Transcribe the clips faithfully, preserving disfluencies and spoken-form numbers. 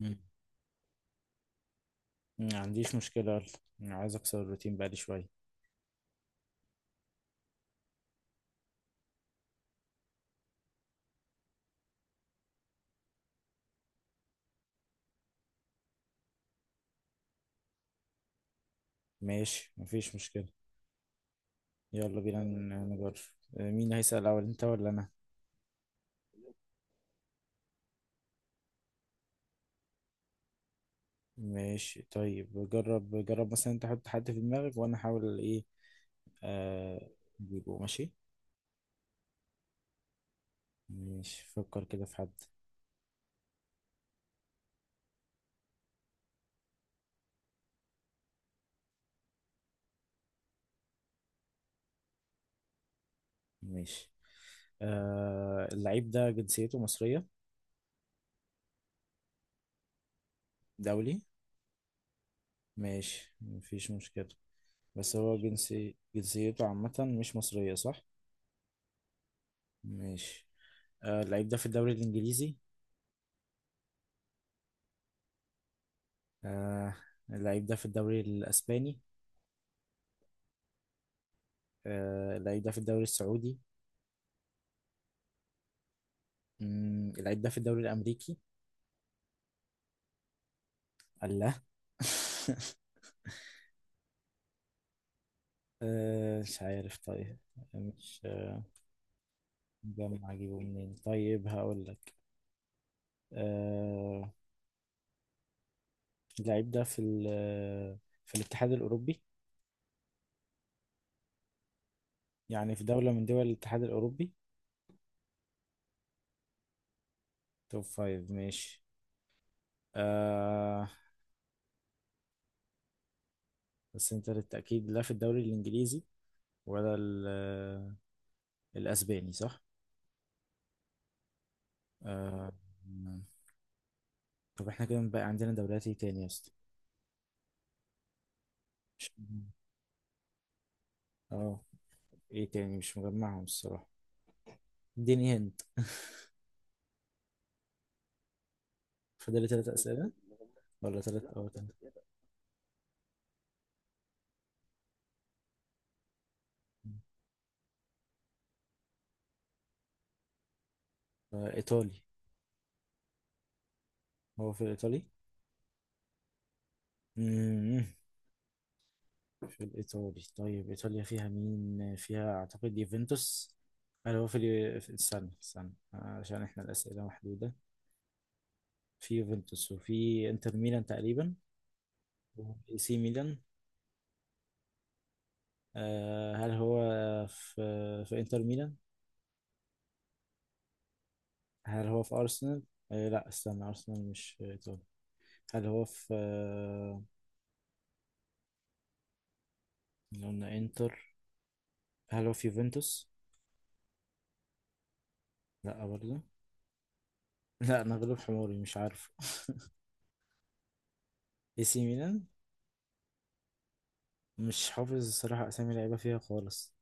مم. ما عنديش مشكلة. يلا أنا عايز أكسر الروتين بقالي شوية. ماشي مفيش مشكلة، يلا بينا ن- نجرب. آه، مين هيسأل أول، أنت ولا أنا؟ ماشي طيب، جرب جرب مثلا، أنت حط حد في دماغك وأنا أحاول إيه. آه أجيبه. ماشي ماشي، فكر كده في حد. ماشي، آه اللعيب ده جنسيته مصرية؟ دولي، ماشي مفيش مشكلة. بس هو جنسي جنسيته عامة، مش مصرية صح؟ ماشي. آه اللعيب ده في الدوري الإنجليزي؟ آه اللعيب ده في الدوري الأسباني؟ آه اللعيب ده في الدوري السعودي؟ مم، اللعيب ده في الدوري الأمريكي؟ الله. آه مش عارف طيب. مش آه، مجمع أجيبه منين. طيب هقول لك، آه اللعيب ده في ال آه، في الاتحاد الأوروبي. يعني في دولة من دول الاتحاد الأوروبي. توب فايف ماشي. آه، بس أنت للتأكيد، لا في الدوري الإنجليزي ولا ال- آه، الأسباني صح؟ آه. طب احنا كده بقى عندنا دوريات ايه تاني يا اسطى؟ مش اه، ايه تاني، مش مجمعهم الصراحة. اديني هند. فاضل لي تلات أسئلة. ولا تلات، اه تلات. آه، إيطالي. هو في الإيطالي؟ مم. في الإيطالي طيب. إيطاليا فيها مين؟ فيها أعتقد يوفنتوس. هل هو في اليو- في- استنى استنى عشان إحنا الأسئلة محدودة. في يوفنتوس وفي إنتر ميلان تقريبا، وفي سي ميلان. آه، هل هو في في إنتر ميلان؟ هل هو في أرسنال؟ آه لا استنى، أرسنال مش إيطالي. هل هو في آه، اللي قلنا إنتر؟ هل هو في يوفنتوس؟ لا برضه. لا أنا غلب حماري مش عارفه. اي سي ميلان. مش حافظ الصراحة أسامي لعيبة فيها خالص.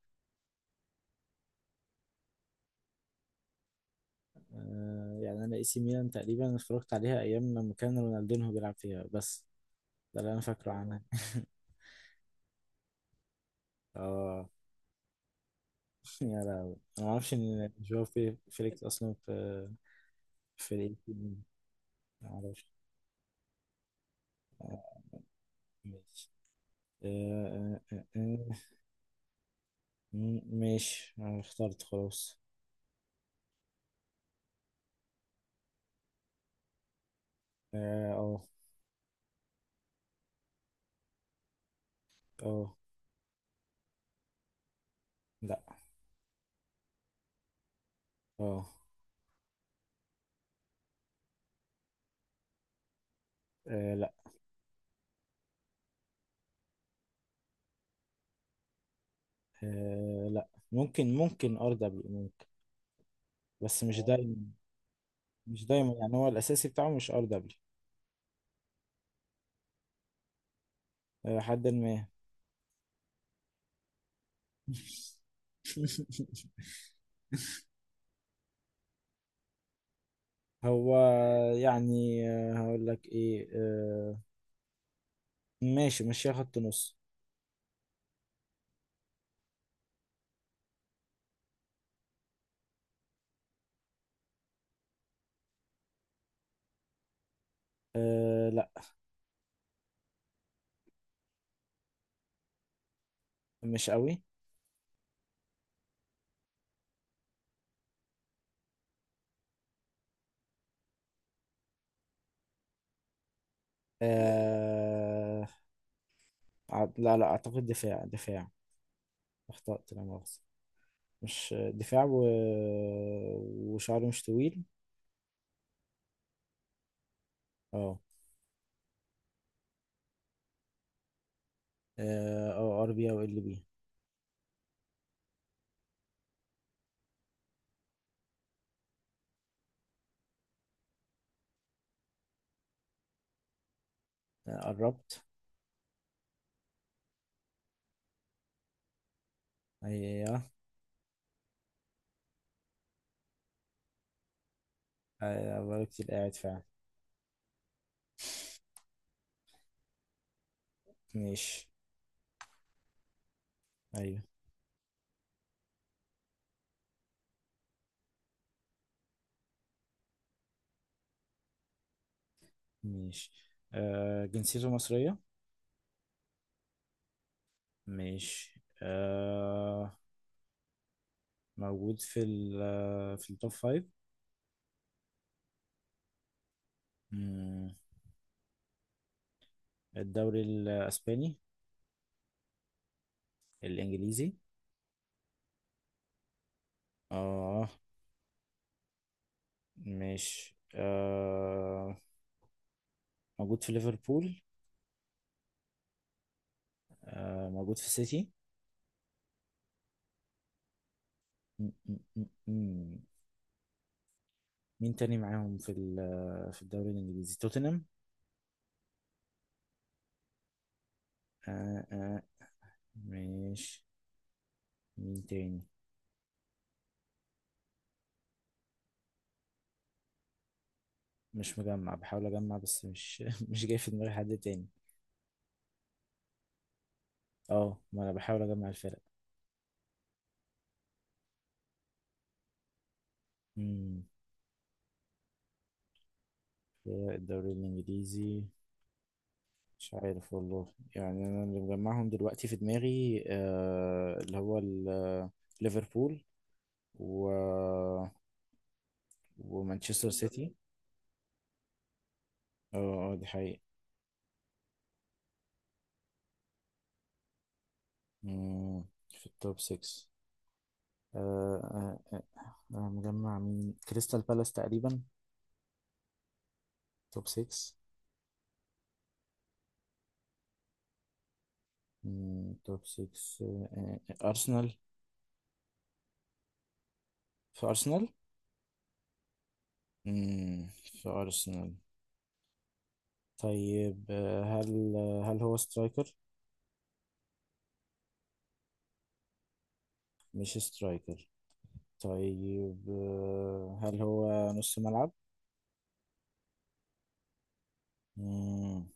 آه يعني أنا اي سي ميلان تقريبا اتفرجت عليها أيام لما كان رونالدينهو بيلعب فيها بس. ده اللي أنا فاكره عنها. اه، يا لهوي أنا معرفش إن جواو في- فيليكس أصلا في في الاي سي ميلان. معرفش. آه، ماشي. آه، آه، آه، آه. م- ماشي انا اخترت خلاص. اه. اه. آه، لا. اه. آه، لا. آه، لا ممكن، ممكن ار دبليو ممكن، بس مش دايما. مش دايما، يعني هو الاساسي بتاعه مش ار دبليو. حد ما. هو يعني آه، هقول لك ايه، آه، ماشي ماشي، خط نص. آه لا، مش قوي. آه، ع- لا لا اعتقد دفاع دفاع. اخطأت لا مؤاخذة. مش دفاع و... وشعره مش طويل. اه. اه، أو ار بي او ال بي. قربت. ايوه، ايوه بقالي كتير قاعد فعلا. ماشي. ايوه. ماشي، آه جنسيته مصرية. ماشي. آه موجود في ال في التوب فايف. مم. الدوري الأسباني؟ الإنجليزي؟ اه. ماشي، آه موجود في ليفربول؟ آه موجود في سيتي؟ مين تاني معاهم في ال- آه، في الدوري الانجليزي، توتنهام؟ آه آه. ماشي، مين تاني؟ مش مجمع، بحاول اجمع بس مش مش جاي في دماغي حد تاني. اه، ما انا بحاول اجمع الفرق. امم فرق الدوري الانجليزي. مش عارف والله. يعني انا اللي مجمعهم دلوقتي في دماغي آه اللي هو ال- آه، ليفربول، و آه، ومانشستر سيتي. اه اه دي حقيقة. مم، في التوب ستة. آه، آه، آه، مجمع مين؟ كريستال بالاس تقريبا. توب ستة. مم، توب ستة، آه، آه، أرسنال. في أرسنال؟ مم، في أرسنال. طيب آه، هل آه، هل هو سترايكر؟ مش سترايكر. طيب آه، هل هو نص ملعب؟ مم،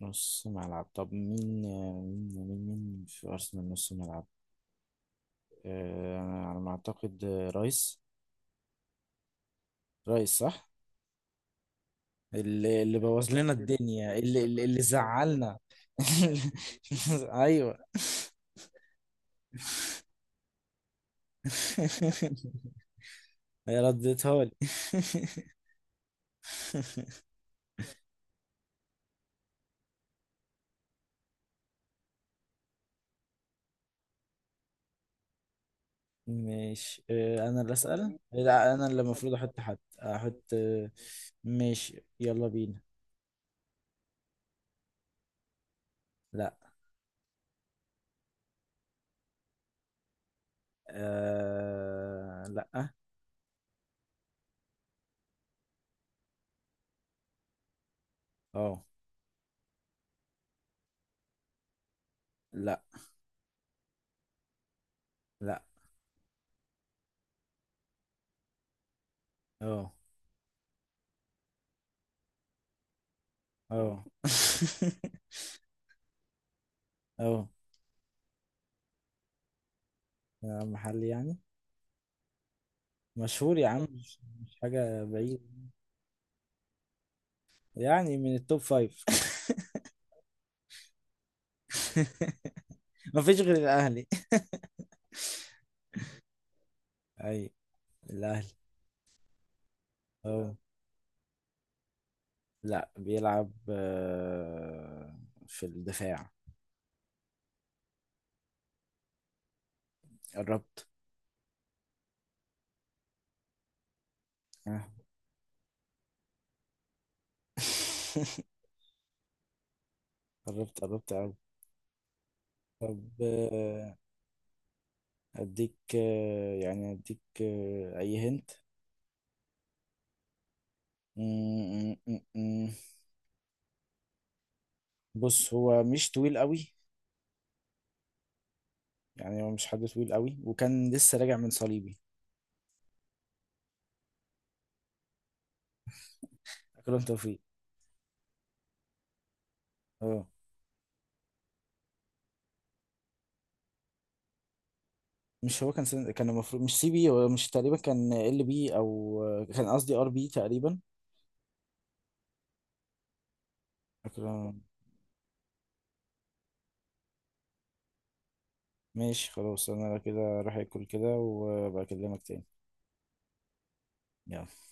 نص ملعب. طب مين آه، مين مين مين في أرسنال نص ملعب؟ آه، أنا على ما أعتقد آه، رايس. رايس صح. اللي اللي بوظ لنا الدنيا، اللي اللي اللي زعلنا. ايوه. هي ردتها لي. ماشي، آه، انا اللي اسال؟ لا انا اللي المفروض احط حد. احط آه، ماشي يلا بينا. لا. أه... لا. اه. لا. لا. اه. اه. اه، آه، محل يعني مشهور يا عم، مش مش حاجة بعيد. يعني من التوب فايف. مفيش غير الاهلي. اي الاهلي. اه. لا بيلعب آه، في الدفاع. قربت. آه. قربت قربت قوي. طب آه، اديك آه، يعني اديك آه، اي هنت. م- م- م- م. بص هو مش طويل قوي. يعني هو مش حد طويل قوي، وكان لسه راجع من صليبي. اكرم توفيق. اه. مش هو كان سن... كان المفروض مش سي بي، هو مش تقريبا كان ال بي او آه، كان قصدي ار بي تقريبا. أكرم. ماشي خلاص، أنا كده راح أكل كده وأبقى أكلمك تاني. يلا.